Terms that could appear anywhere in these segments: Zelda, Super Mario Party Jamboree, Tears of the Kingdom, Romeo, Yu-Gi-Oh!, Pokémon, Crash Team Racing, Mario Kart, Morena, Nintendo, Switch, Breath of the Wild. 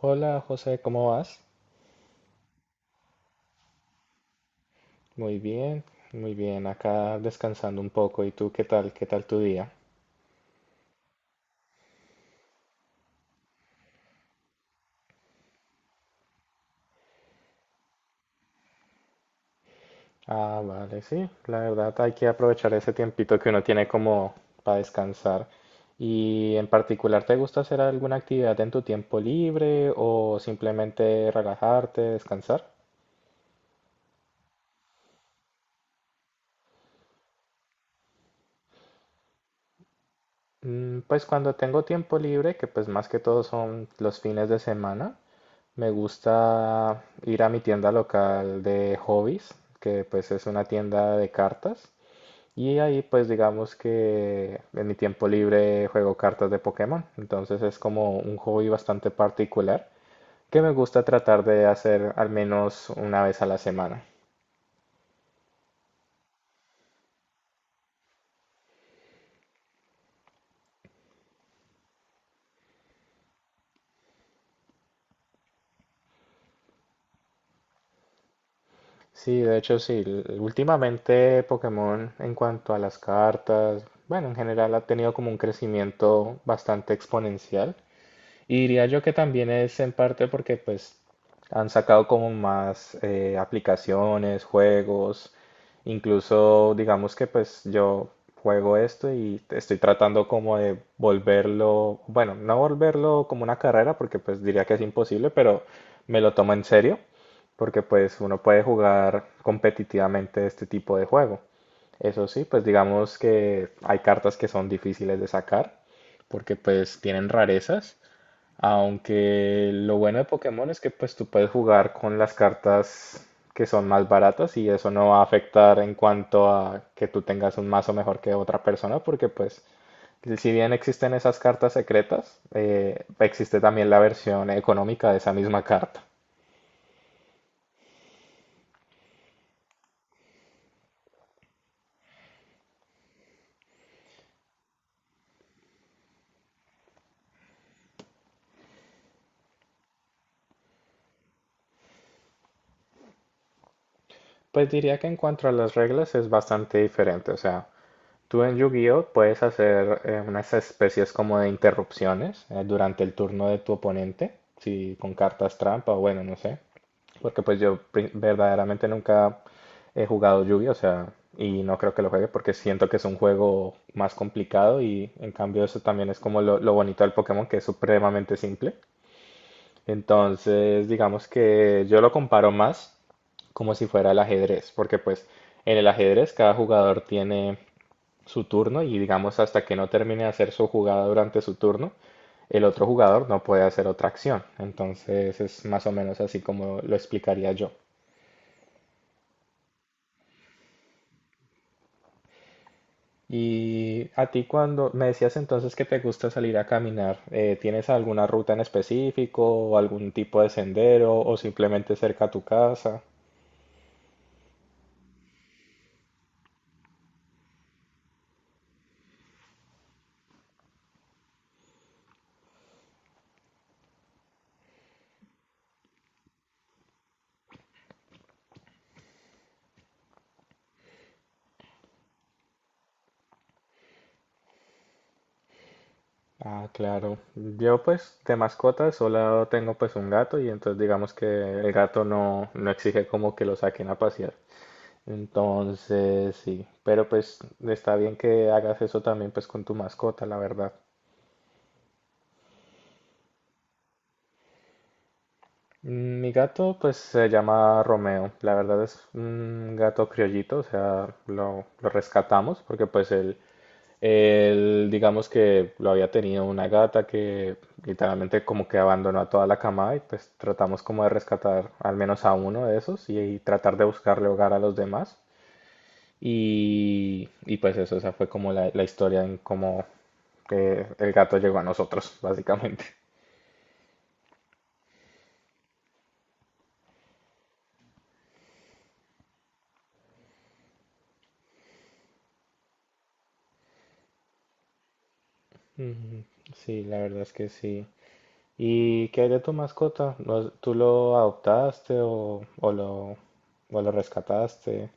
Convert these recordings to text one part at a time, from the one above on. Hola José, ¿cómo vas? Muy bien, muy bien, acá descansando un poco. ¿Y tú qué tal? ¿Qué tal tu día? Ah, vale, sí, la verdad hay que aprovechar ese tiempito que uno tiene como para descansar. ¿Y en particular te gusta hacer alguna actividad en tu tiempo libre o simplemente relajarte, descansar? Mm, pues cuando tengo tiempo libre, que pues más que todo son los fines de semana, me gusta ir a mi tienda local de hobbies, que pues es una tienda de cartas. Y ahí pues digamos que en mi tiempo libre juego cartas de Pokémon. Entonces es como un hobby bastante particular que me gusta tratar de hacer al menos una vez a la semana. Sí, de hecho sí. Últimamente Pokémon en cuanto a las cartas, bueno, en general ha tenido como un crecimiento bastante exponencial. Y diría yo que también es en parte porque pues han sacado como más aplicaciones, juegos, incluso digamos que pues yo juego esto y estoy tratando como de volverlo, bueno, no volverlo como una carrera porque pues diría que es imposible, pero me lo tomo en serio porque pues uno puede jugar competitivamente este tipo de juego. Eso sí, pues digamos que hay cartas que son difíciles de sacar porque pues tienen rarezas, aunque lo bueno de Pokémon es que pues tú puedes jugar con las cartas que son más baratas y eso no va a afectar en cuanto a que tú tengas un mazo mejor que otra persona porque pues si bien existen esas cartas secretas, existe también la versión económica de esa misma carta. Pues diría que en cuanto a las reglas es bastante diferente, o sea, tú en Yu-Gi-Oh! Puedes hacer unas especies como de interrupciones durante el turno de tu oponente, si con cartas trampa o bueno, no sé. Porque pues yo verdaderamente nunca he jugado Yu-Gi-Oh! O sea, y no creo que lo juegue porque siento que es un juego más complicado y en cambio eso también es como lo bonito del Pokémon, que es supremamente simple. Entonces, digamos que yo lo comparo más como si fuera el ajedrez, porque pues en el ajedrez cada jugador tiene su turno y digamos hasta que no termine de hacer su jugada durante su turno, el otro jugador no puede hacer otra acción. Entonces es más o menos así como lo explicaría yo. Y a ti cuando me decías entonces que te gusta salir a caminar, ¿tienes alguna ruta en específico o algún tipo de sendero o simplemente cerca a tu casa? Ah, claro. Yo pues de mascota solo tengo pues un gato y entonces digamos que el gato no, no exige como que lo saquen a pasear. Entonces, sí, pero pues está bien que hagas eso también pues con tu mascota, la verdad. Mm, mi gato pues se llama Romeo, la verdad es un gato criollito, o sea, lo rescatamos porque pues él, digamos que lo había tenido una gata que literalmente como que abandonó a toda la camada y pues tratamos como de rescatar al menos a uno de esos y tratar de buscarle hogar a los demás. Y pues eso, esa fue como la historia en cómo el gato llegó a nosotros, básicamente. Ujú, sí, la verdad es que sí. ¿Y qué hay de tu mascota? ¿Tú lo adoptaste o lo rescataste?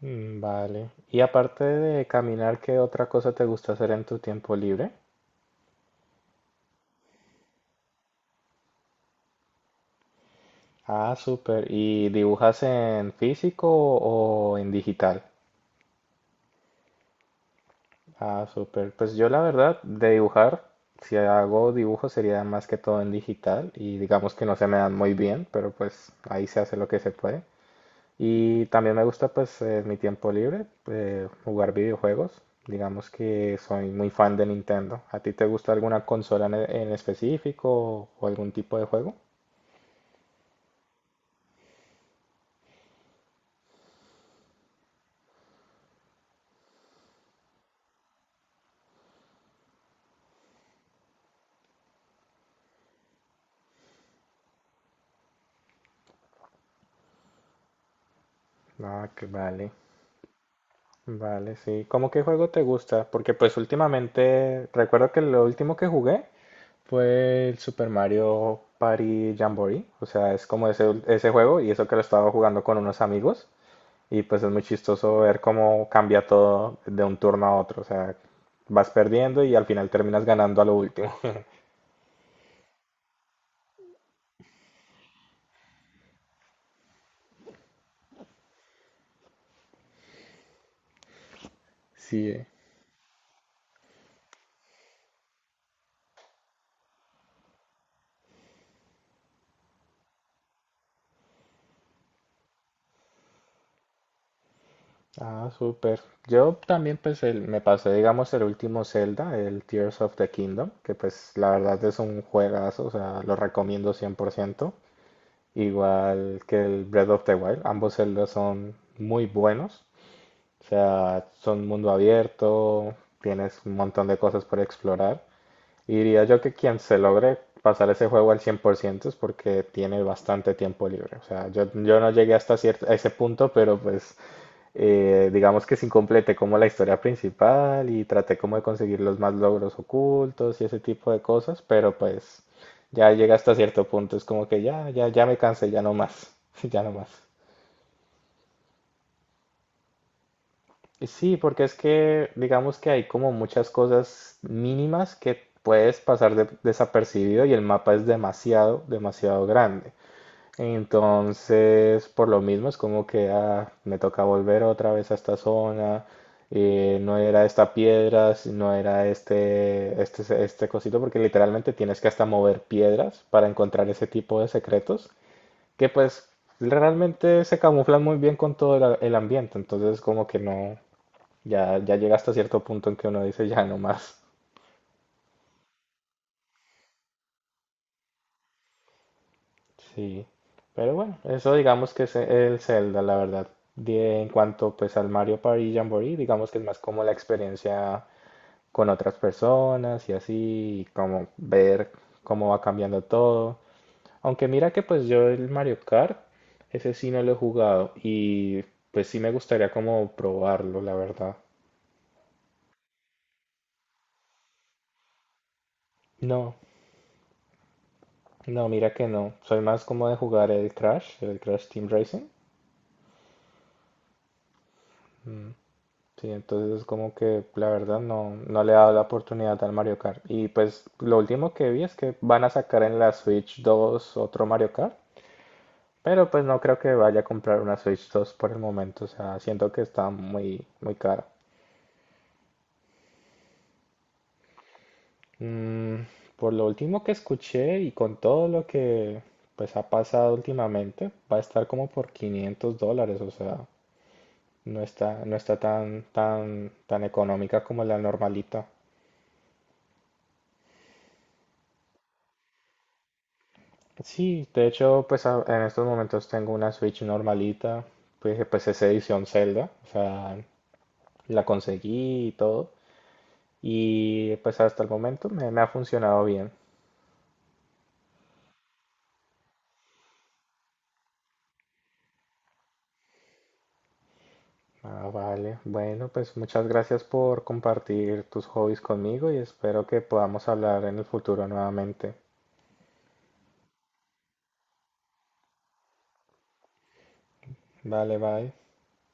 Mm, vale. Y aparte de caminar, ¿qué otra cosa te gusta hacer en tu tiempo libre? Ah, súper. ¿Y dibujas en físico o en digital? Ah, súper. Pues yo la verdad, de dibujar, si hago dibujo sería más que todo en digital y digamos que no se me dan muy bien, pero pues ahí se hace lo que se puede. Y también me gusta pues en mi tiempo libre jugar videojuegos. Digamos que soy muy fan de Nintendo. ¿A ti te gusta alguna consola en específico o algún tipo de juego? Ah, que vale. Vale, sí. ¿Cómo qué juego te gusta? Porque pues últimamente recuerdo que lo último que jugué fue el Super Mario Party Jamboree. O sea, es como ese juego y eso que lo estaba jugando con unos amigos. Y pues es muy chistoso ver cómo cambia todo de un turno a otro. O sea, vas perdiendo y al final terminas ganando a lo último. Sí. Ah, súper. Yo también pues me pasé, digamos, el último Zelda, el Tears of the Kingdom, que pues la verdad es un juegazo, o sea, lo recomiendo cien por ciento, igual que el Breath of the Wild, ambos Zeldas son muy buenos, o sea, son mundo abierto, tienes un montón de cosas por explorar, y diría yo que quien se logre pasar ese juego al 100% es porque tiene bastante tiempo libre, o sea, yo no llegué hasta a ese punto, pero pues digamos que sin completé como la historia principal y traté como de conseguir los más logros ocultos y ese tipo de cosas, pero pues ya llega hasta cierto punto, es como que ya me cansé, ya no más, ya no más. Y sí, porque es que digamos que hay como muchas cosas mínimas que puedes pasar desapercibido y el mapa es demasiado, demasiado grande. Entonces, por lo mismo, es como que ah, me toca volver otra vez a esta zona. No era esta piedra, si no era este cosito, porque literalmente tienes que hasta mover piedras para encontrar ese tipo de secretos, que pues realmente se camuflan muy bien con todo el ambiente. Entonces, como que no, ya llega hasta cierto punto en que uno dice ya no más. Sí, pero bueno, eso digamos que es el Zelda, la verdad. En cuanto pues al Mario Party Jamboree, digamos que es más como la experiencia con otras personas y así, y como ver cómo va cambiando todo. Aunque mira que pues yo el Mario Kart, ese sí no lo he jugado y pues sí me gustaría como probarlo, la verdad. No, no, mira que no. Soy más como de jugar el Crash Team Racing. Sí, entonces es como que la verdad no, no le ha dado la oportunidad al Mario Kart. Y pues lo último que vi es que van a sacar en la Switch dos otro Mario Kart, pero pues no creo que vaya a comprar una Switch dos por el momento, o sea, siento que está muy, muy cara. Mm, por lo último que escuché y con todo lo que pues ha pasado últimamente, va a estar como por 500 dólares, o sea, no está, no está tan, tan, tan económica como la normalita. Sí, de hecho, pues en estos momentos tengo una Switch normalita, pues, pues es edición Zelda, o sea, la conseguí y todo, y pues hasta el momento me, me ha funcionado bien. Ah, vale, bueno, pues muchas gracias por compartir tus hobbies conmigo y espero que podamos hablar en el futuro nuevamente. Vale, bye.